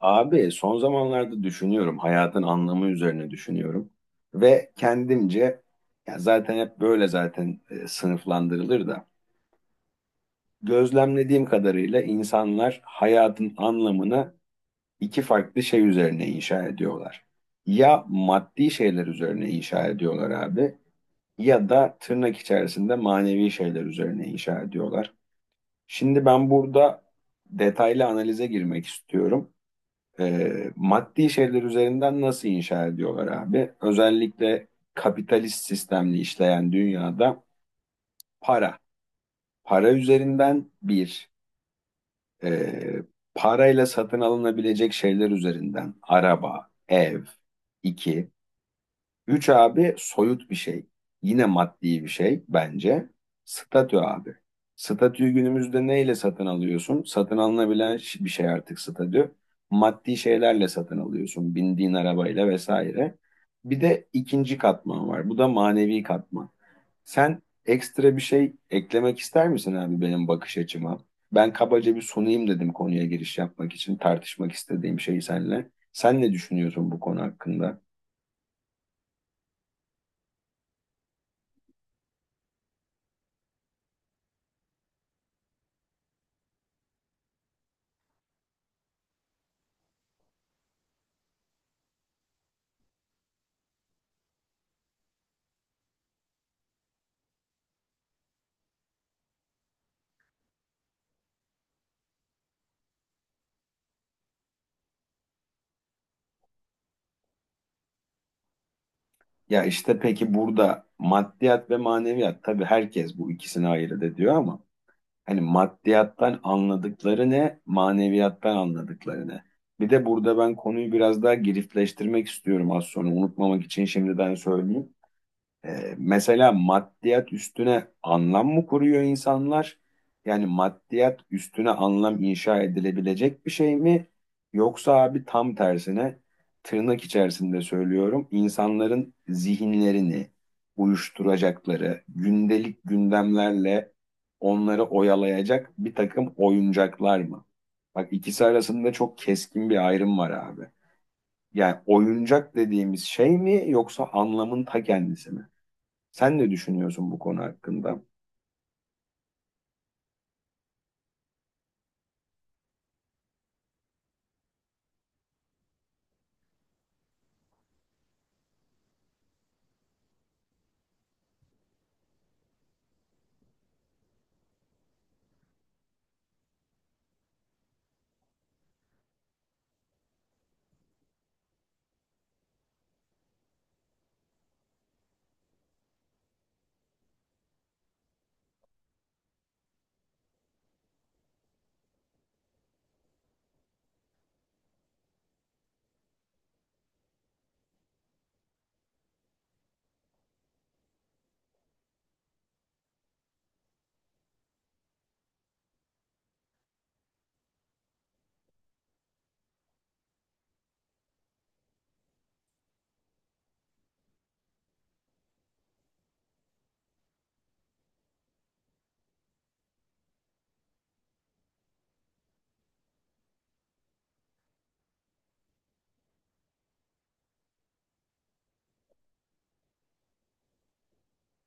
Abi son zamanlarda düşünüyorum, hayatın anlamı üzerine düşünüyorum ve kendimce ya zaten hep böyle zaten sınıflandırılır da gözlemlediğim kadarıyla insanlar hayatın anlamını iki farklı şey üzerine inşa ediyorlar. Ya maddi şeyler üzerine inşa ediyorlar abi, ya da tırnak içerisinde manevi şeyler üzerine inşa ediyorlar. Şimdi ben burada detaylı analize girmek istiyorum. Maddi şeyler üzerinden nasıl inşa ediyorlar abi? Özellikle kapitalist sistemli işleyen dünyada para. Para üzerinden bir, e, parayla satın alınabilecek şeyler üzerinden araba, ev, iki, üç abi soyut bir şey. Yine maddi bir şey bence. Statü abi. Statüyü günümüzde neyle satın alıyorsun? Satın alınabilen bir şey artık statü. Maddi şeylerle satın alıyorsun. Bindiğin arabayla vesaire. Bir de ikinci katman var. Bu da manevi katman. Sen ekstra bir şey eklemek ister misin abi benim bakış açıma? Ben kabaca bir sunayım dedim konuya giriş yapmak için tartışmak istediğim şeyi seninle. Sen ne düşünüyorsun bu konu hakkında? Ya işte peki burada maddiyat ve maneviyat tabii herkes bu ikisini ayırt ediyor ama hani maddiyattan anladıkları ne, maneviyattan anladıkları ne? Bir de burada ben konuyu biraz daha girifleştirmek istiyorum, az sonra unutmamak için şimdiden söyleyeyim. Mesela maddiyat üstüne anlam mı kuruyor insanlar? Yani maddiyat üstüne anlam inşa edilebilecek bir şey mi? Yoksa abi tam tersine, tırnak içerisinde söylüyorum, insanların zihinlerini uyuşturacakları, gündelik gündemlerle onları oyalayacak bir takım oyuncaklar mı? Bak ikisi arasında çok keskin bir ayrım var abi. Yani oyuncak dediğimiz şey mi yoksa anlamın ta kendisi mi? Sen ne düşünüyorsun bu konu hakkında?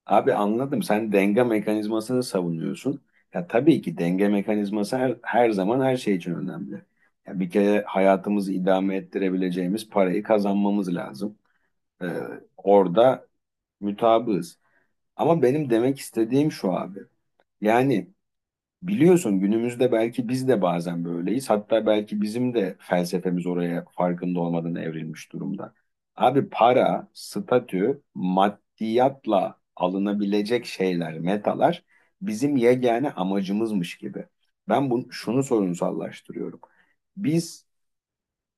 Abi anladım. Sen denge mekanizmasını savunuyorsun. Ya tabii ki denge mekanizması her zaman her şey için önemli. Ya bir kere hayatımızı idame ettirebileceğimiz parayı kazanmamız lazım. Ee, Orada mutabığız. Ama benim demek istediğim şu abi. Yani Biliyorsun günümüzde belki biz de bazen böyleyiz. Hatta belki bizim de felsefemiz oraya farkında olmadan evrilmiş durumda. Abi para, statü, maddiyatla alınabilecek şeyler, metalar bizim yegane amacımızmış gibi. Şunu sorunsallaştırıyorum. Biz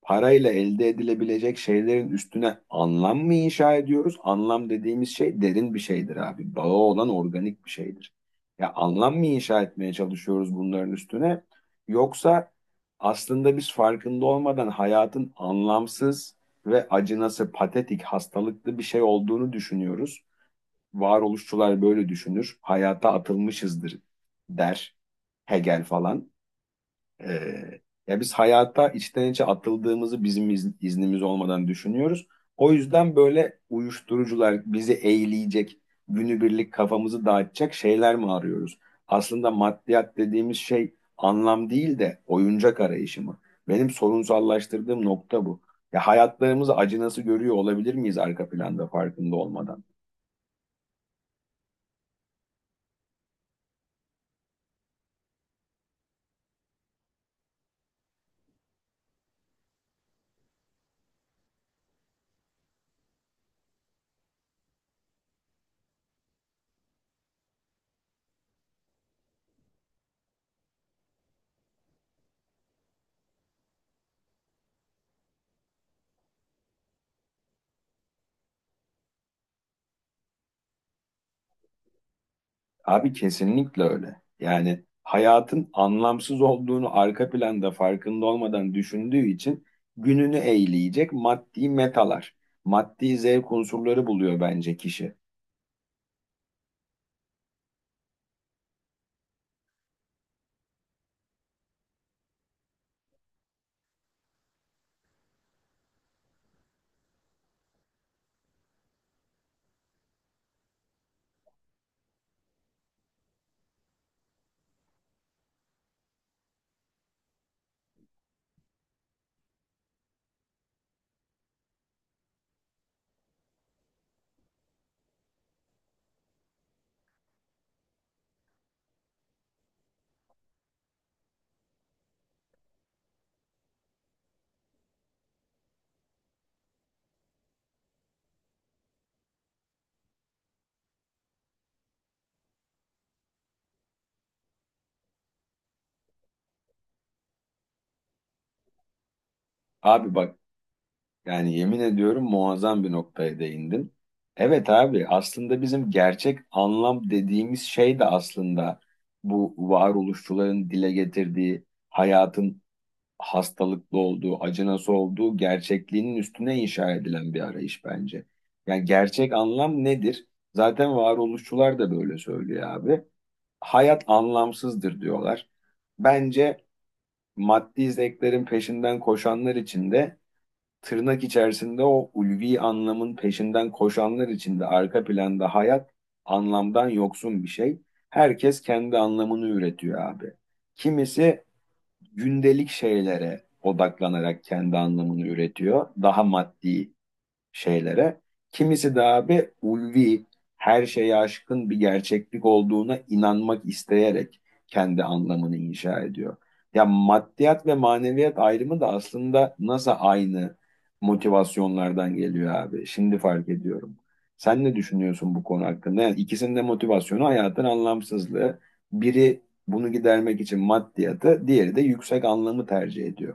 Parayla elde edilebilecek şeylerin üstüne anlam mı inşa ediyoruz? Anlam dediğimiz şey derin bir şeydir abi. Bağı olan organik bir şeydir. Ya anlam mı inşa etmeye çalışıyoruz bunların üstüne? Yoksa aslında biz farkında olmadan hayatın anlamsız ve acınası, patetik, hastalıklı bir şey olduğunu düşünüyoruz. Varoluşçular böyle düşünür. Hayata atılmışızdır der Hegel falan. Ee, Ya biz hayata içten içe atıldığımızı iznimiz olmadan düşünüyoruz. O yüzden böyle uyuşturucular bizi eğleyecek, günübirlik kafamızı dağıtacak şeyler mi arıyoruz? Aslında maddiyat dediğimiz şey anlam değil de oyuncak arayışı mı? Benim sorunsallaştırdığım nokta bu. Ya hayatlarımızı acı nasıl görüyor olabilir miyiz arka planda farkında olmadan? Abi kesinlikle öyle. Yani hayatın anlamsız olduğunu arka planda farkında olmadan düşündüğü için gününü eğleyecek maddi metalar, maddi zevk unsurları buluyor bence kişi. Abi bak, yani yemin ediyorum muazzam bir noktaya değindin. Evet abi aslında bizim gerçek anlam dediğimiz şey de aslında bu varoluşçuların dile getirdiği hayatın hastalıklı olduğu, acı nasıl olduğu gerçekliğinin üstüne inşa edilen bir arayış bence. Yani gerçek anlam nedir? Zaten varoluşçular da böyle söylüyor abi. Hayat anlamsızdır diyorlar. Bence maddi zevklerin peşinden koşanlar için de tırnak içerisinde o ulvi anlamın peşinden koşanlar için de arka planda hayat anlamdan yoksun bir şey. Herkes kendi anlamını üretiyor abi. Kimisi gündelik şeylere odaklanarak kendi anlamını üretiyor. Daha maddi şeylere. Kimisi de abi ulvi, her şeye aşkın bir gerçeklik olduğuna inanmak isteyerek kendi anlamını inşa ediyor. Ya maddiyat ve maneviyat ayrımı da aslında nasıl aynı motivasyonlardan geliyor abi. Şimdi fark ediyorum. Sen ne düşünüyorsun bu konu hakkında? Yani ikisinin de motivasyonu hayatın anlamsızlığı. Biri bunu gidermek için maddiyatı, diğeri de yüksek anlamı tercih ediyor.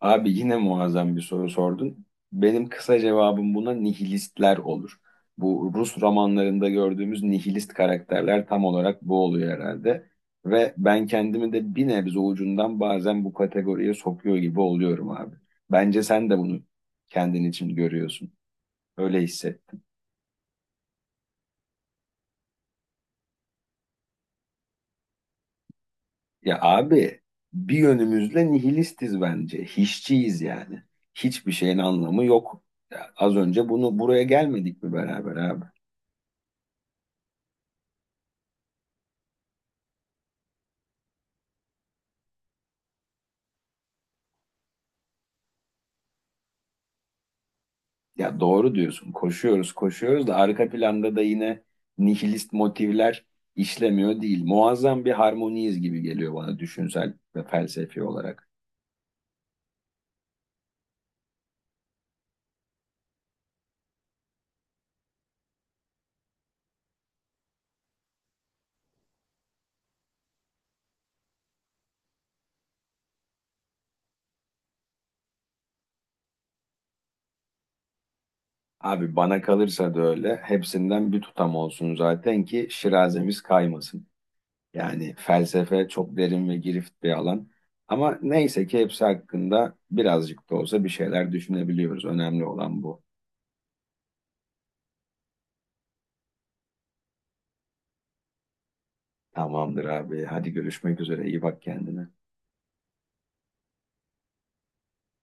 Abi yine muazzam bir soru sordun. Benim kısa cevabım buna nihilistler olur. Bu Rus romanlarında gördüğümüz nihilist karakterler tam olarak bu oluyor herhalde. Ve ben kendimi de bir nebze ucundan bazen bu kategoriye sokuyor gibi oluyorum abi. Bence sen de bunu kendin için görüyorsun. Öyle hissettim. Ya abi bir yönümüzle nihilistiz bence. Hiççiyiz yani. Hiçbir şeyin anlamı yok. Ya az önce bunu buraya gelmedik mi beraber abi? Ya doğru diyorsun. Koşuyoruz, koşuyoruz da arka planda da yine nihilist motivler işlemiyor değil. Muazzam bir harmoniyiz gibi geliyor bana düşünsel ve felsefi olarak. Abi bana kalırsa da öyle. Hepsinden bir tutam olsun zaten ki şirazemiz kaymasın. Yani felsefe çok derin ve girift bir alan. Ama neyse ki hepsi hakkında birazcık da olsa bir şeyler düşünebiliyoruz. Önemli olan bu. Tamamdır abi. Hadi görüşmek üzere. İyi bak kendine.